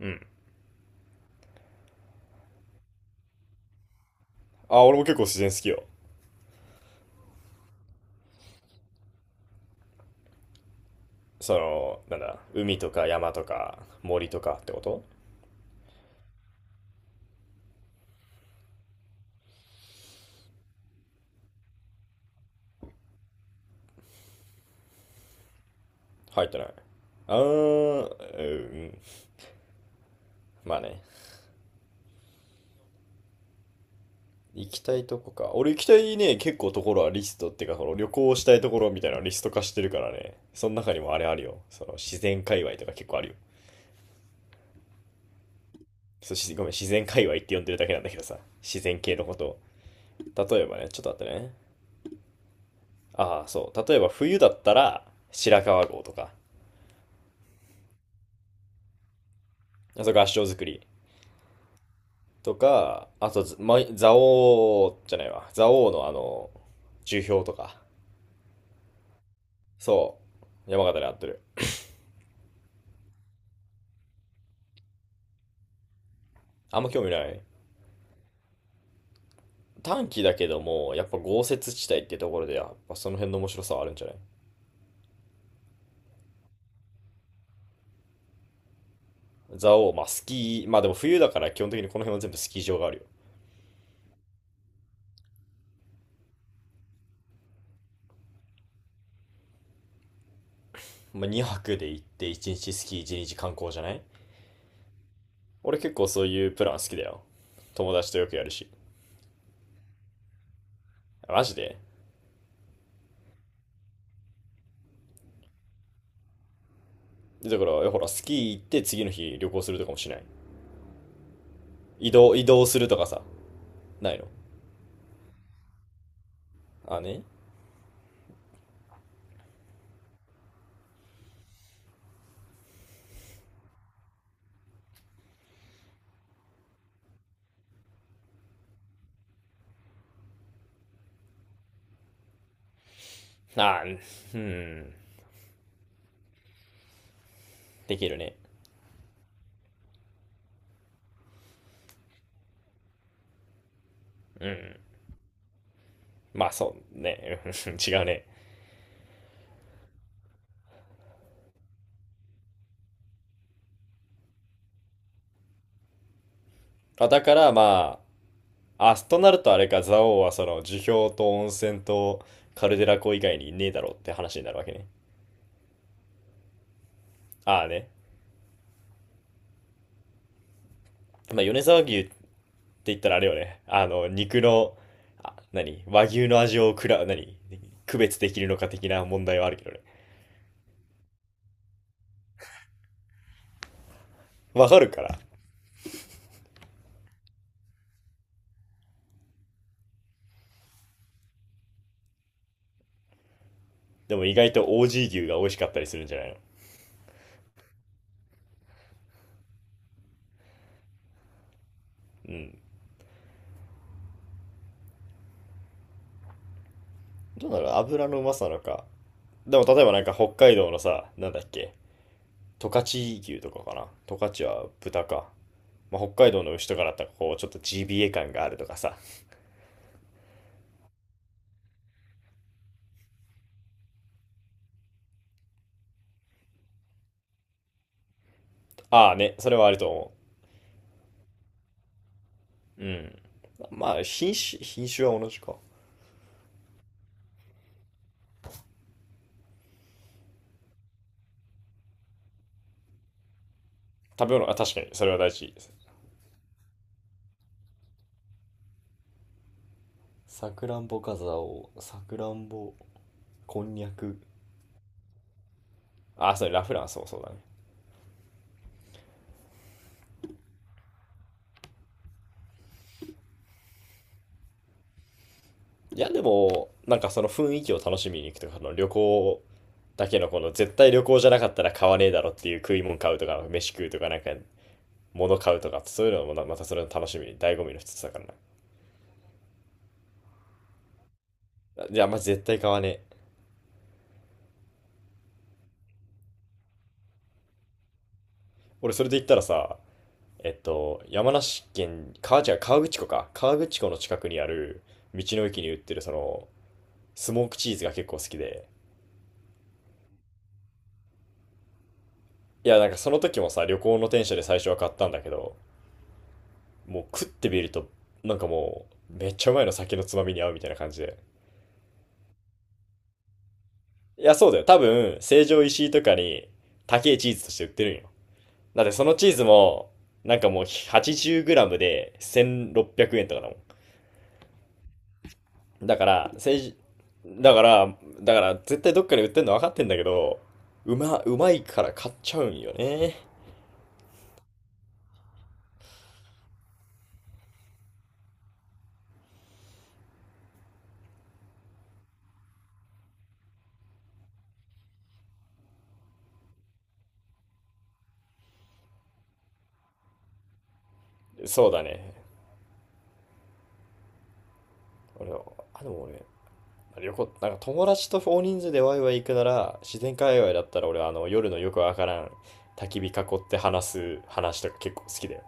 うん。あ、俺も結構自然好きよ。その、なんだ、海とか山とか森とかってこと？入ってない。あー、うん。まあね。行きたいとこか。俺行きたいね、結構ところはリストっていうか、その旅行したいところみたいなのリスト化してるからね。その中にもあれあるよ。その自然界隈とか結構あるよ。そうしごめん、自然界隈って呼んでるだけなんだけどさ。自然系のことを。例えばね、ちょっと待ってね。ああ、そう。例えば冬だったら白川郷とか。あと合掌造り。とか、あと、ま、蔵王じゃないわ。蔵王のあの、樹氷とか。そう。山形で合ってる。あんま興味ない。短期だけども、やっぱ豪雪地帯ってところで、やっぱその辺の面白さはあるんじゃない？蔵王、まあスキー、まあでも冬だから基本的にこの辺は全部スキー場があるよ。まあ2泊で行って1日スキー1日観光じゃない？俺結構そういうプラン好きだよ。友達とよくやるし。マジで？だから、ほら、スキー行って次の日旅行するとかもしない？移動するとかさ、ないの？あね。あ、うん、できるね。まあそうね 違うね。あ、だからまあ、あ、となるとあれか、蔵王はその樹氷と温泉とカルデラ湖以外にねえだろうって話になるわけね。ああね。まあ米沢牛って言ったらあれよね。あの、肉の、あ、何和牛の味を何区別できるのか的な問題はあるけどね。わかるから。でも意外と OG 牛が美味しかったりするんじゃないの？うん。どうなの？油のうまさなのか、でも例えばなんか北海道のさ、なんだっけ、十勝牛とかかな。十勝は豚か。まあ、北海道の牛とかだったらこう、ちょっと GBA 感があるとかさ。ああね、それはあると思う。うん。まあ、品種は同じか。食べ物、あ、確かに、それは大事。さくらんぼかざおう、さくらんぼ、こんにゃく。ああ、それラフランスもそうだね。いや、でも、なんかその雰囲気を楽しみに行くとか、その旅行だけのこの絶対旅行じゃなかったら買わねえだろっていう食い物買うとか、飯食うとか、なんか物買うとかってそういうのもまたそれの楽しみ醍醐味の一つだからな。いやまじ絶対買わねえ。俺それで言ったらさ、えっと山梨県川違う河口湖か河口湖の近くにある道の駅に売ってるそのスモークチーズが結構好きで。いやなんかその時もさ旅行の電車で最初は買ったんだけど、もう食ってみるとなんかもうめっちゃうまいの酒のつまみに合うみたいな感じで。いやそうだよ多分成城石井とかに高いチーズとして売ってるんよ。だってそのチーズも、なんかもう 80g で1600円とかだもん。だから、だから、だから絶対どっかで売ってんの分かってんだけど、うまいから買っちゃうんよね。そうだね。俺は、あ、でも俺、旅行、なんか友達と大人数でワイワイ行くなら、自然界隈だったら俺はあの夜のよくわからん焚き火囲って話す話とか結構好きだよ。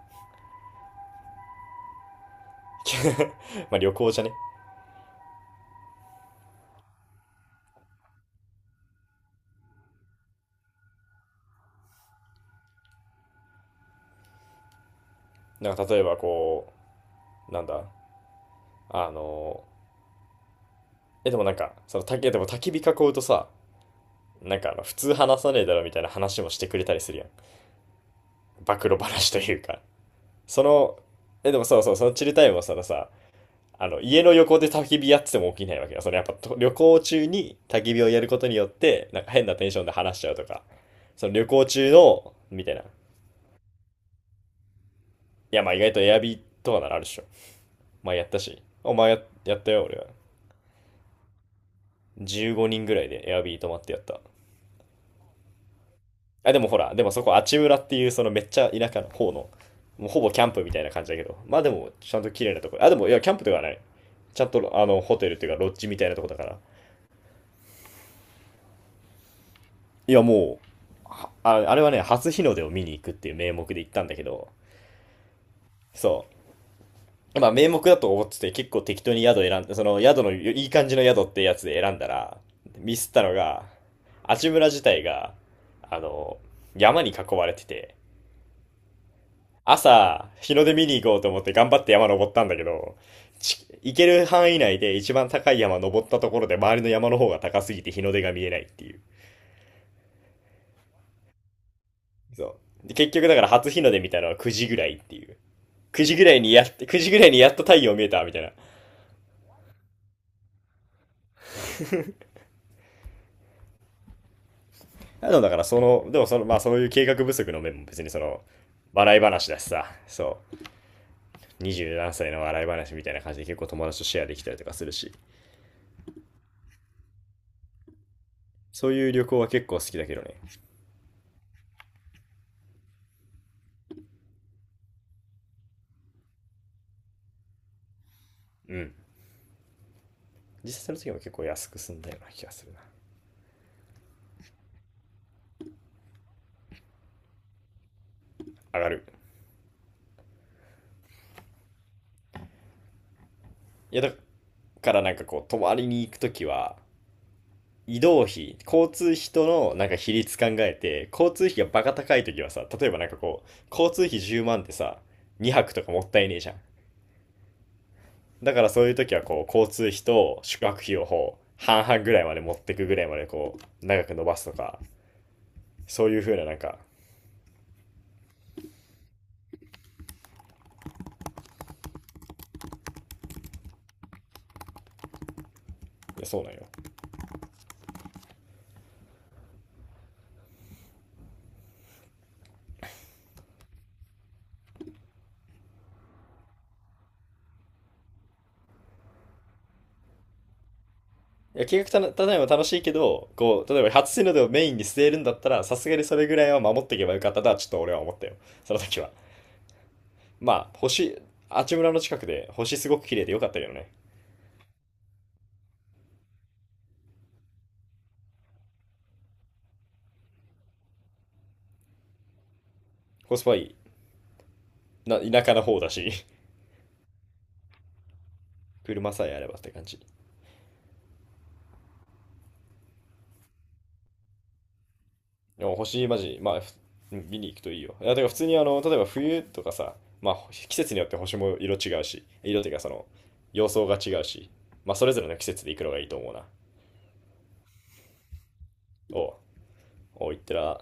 まあ旅行じゃね。なんか例えばこう、なんだ、あの、え、でもなんか、その、でも焚き火囲うとさ、なんかあの、普通話さねえだろみたいな話もしてくれたりするやん。暴露話というか。その、え、でもそうそう、そのチルタイムはそのさ、あの、家の横で焚き火やってても起きないわけよ。そのやっぱと旅行中に焚き火をやることによって、なんか変なテンションで話しちゃうとか、その旅行中の、みたいな。いや、まあ意外とエアビーとかならあるでしょ。まあやったし。お前や、やったよ、俺は。15人ぐらいでエアビー泊まってやった。あ、でもほら、でもそこ、あちうらっていう、そのめっちゃ田舎の方の、もうほぼキャンプみたいな感じだけど、まあでも、ちゃんと綺麗なとこ。あ、でも、いや、キャンプではない。ちゃんと、あの、ホテルっていうか、ロッジみたいなとこだから。いや、もう、あ、あれはね、初日の出を見に行くっていう名目で行ったんだけど、そう。まあ、名目だと思ってて、結構適当に宿選んで、その宿の、いい感じの宿ってやつで選んだら、ミスったのが、あちむら自体が、あの、山に囲われてて、朝、日の出見に行こうと思って頑張って山登ったんだけど、行ける範囲内で一番高い山登ったところで周りの山の方が高すぎて日の出が見えないっていう。そう。で結局だから初日の出見たのは9時ぐらいっていう。9時ぐらいにやっ、9時ぐらいにやっと太陽見えたみたいな。あのだからその、でもその、まあそういう計画不足の面も別にその、笑い話だしさ、そう。20何歳の笑い話みたいな感じで結構友達とシェアできたりとかするし、そういう旅行は結構好きだけどね。うん。実際の時も結構安く済んだような気がするな。上がる。いや、だからなんかこう、泊まりに行く時は、移動費、交通費とのなんか比率考えて、交通費がバカ高い時はさ、例えばなんかこう、交通費10万ってさ、2泊とかもったいねえじゃん。だからそういう時はこう、交通費と宿泊費をこう、半々ぐらいまで持ってくぐらいまでこう、長く伸ばすとか、そういう風ななんか、いやそうなんよ。いや、計画立てないのも楽しいけど、こう、例えば初日の出をメインに据えるんだったら、さすがにそれぐらいは守っていけばよかったとは、ちょっと俺は思ったよ。その時は。まあ、星、あちむらの近くで、星すごく綺麗でよかったけどね。コスパいい。な、田舎の方だし、車さえあればって感じ。でも星、マジ、まあ、見に行くといいよ。いや、てから普通にあの、例えば冬とかさ、まあ、季節によって星も色違うし、色っていうかその、様相が違うし、まあ、それぞれの季節で行くのがいいと思うな。おう、おう、行ってら。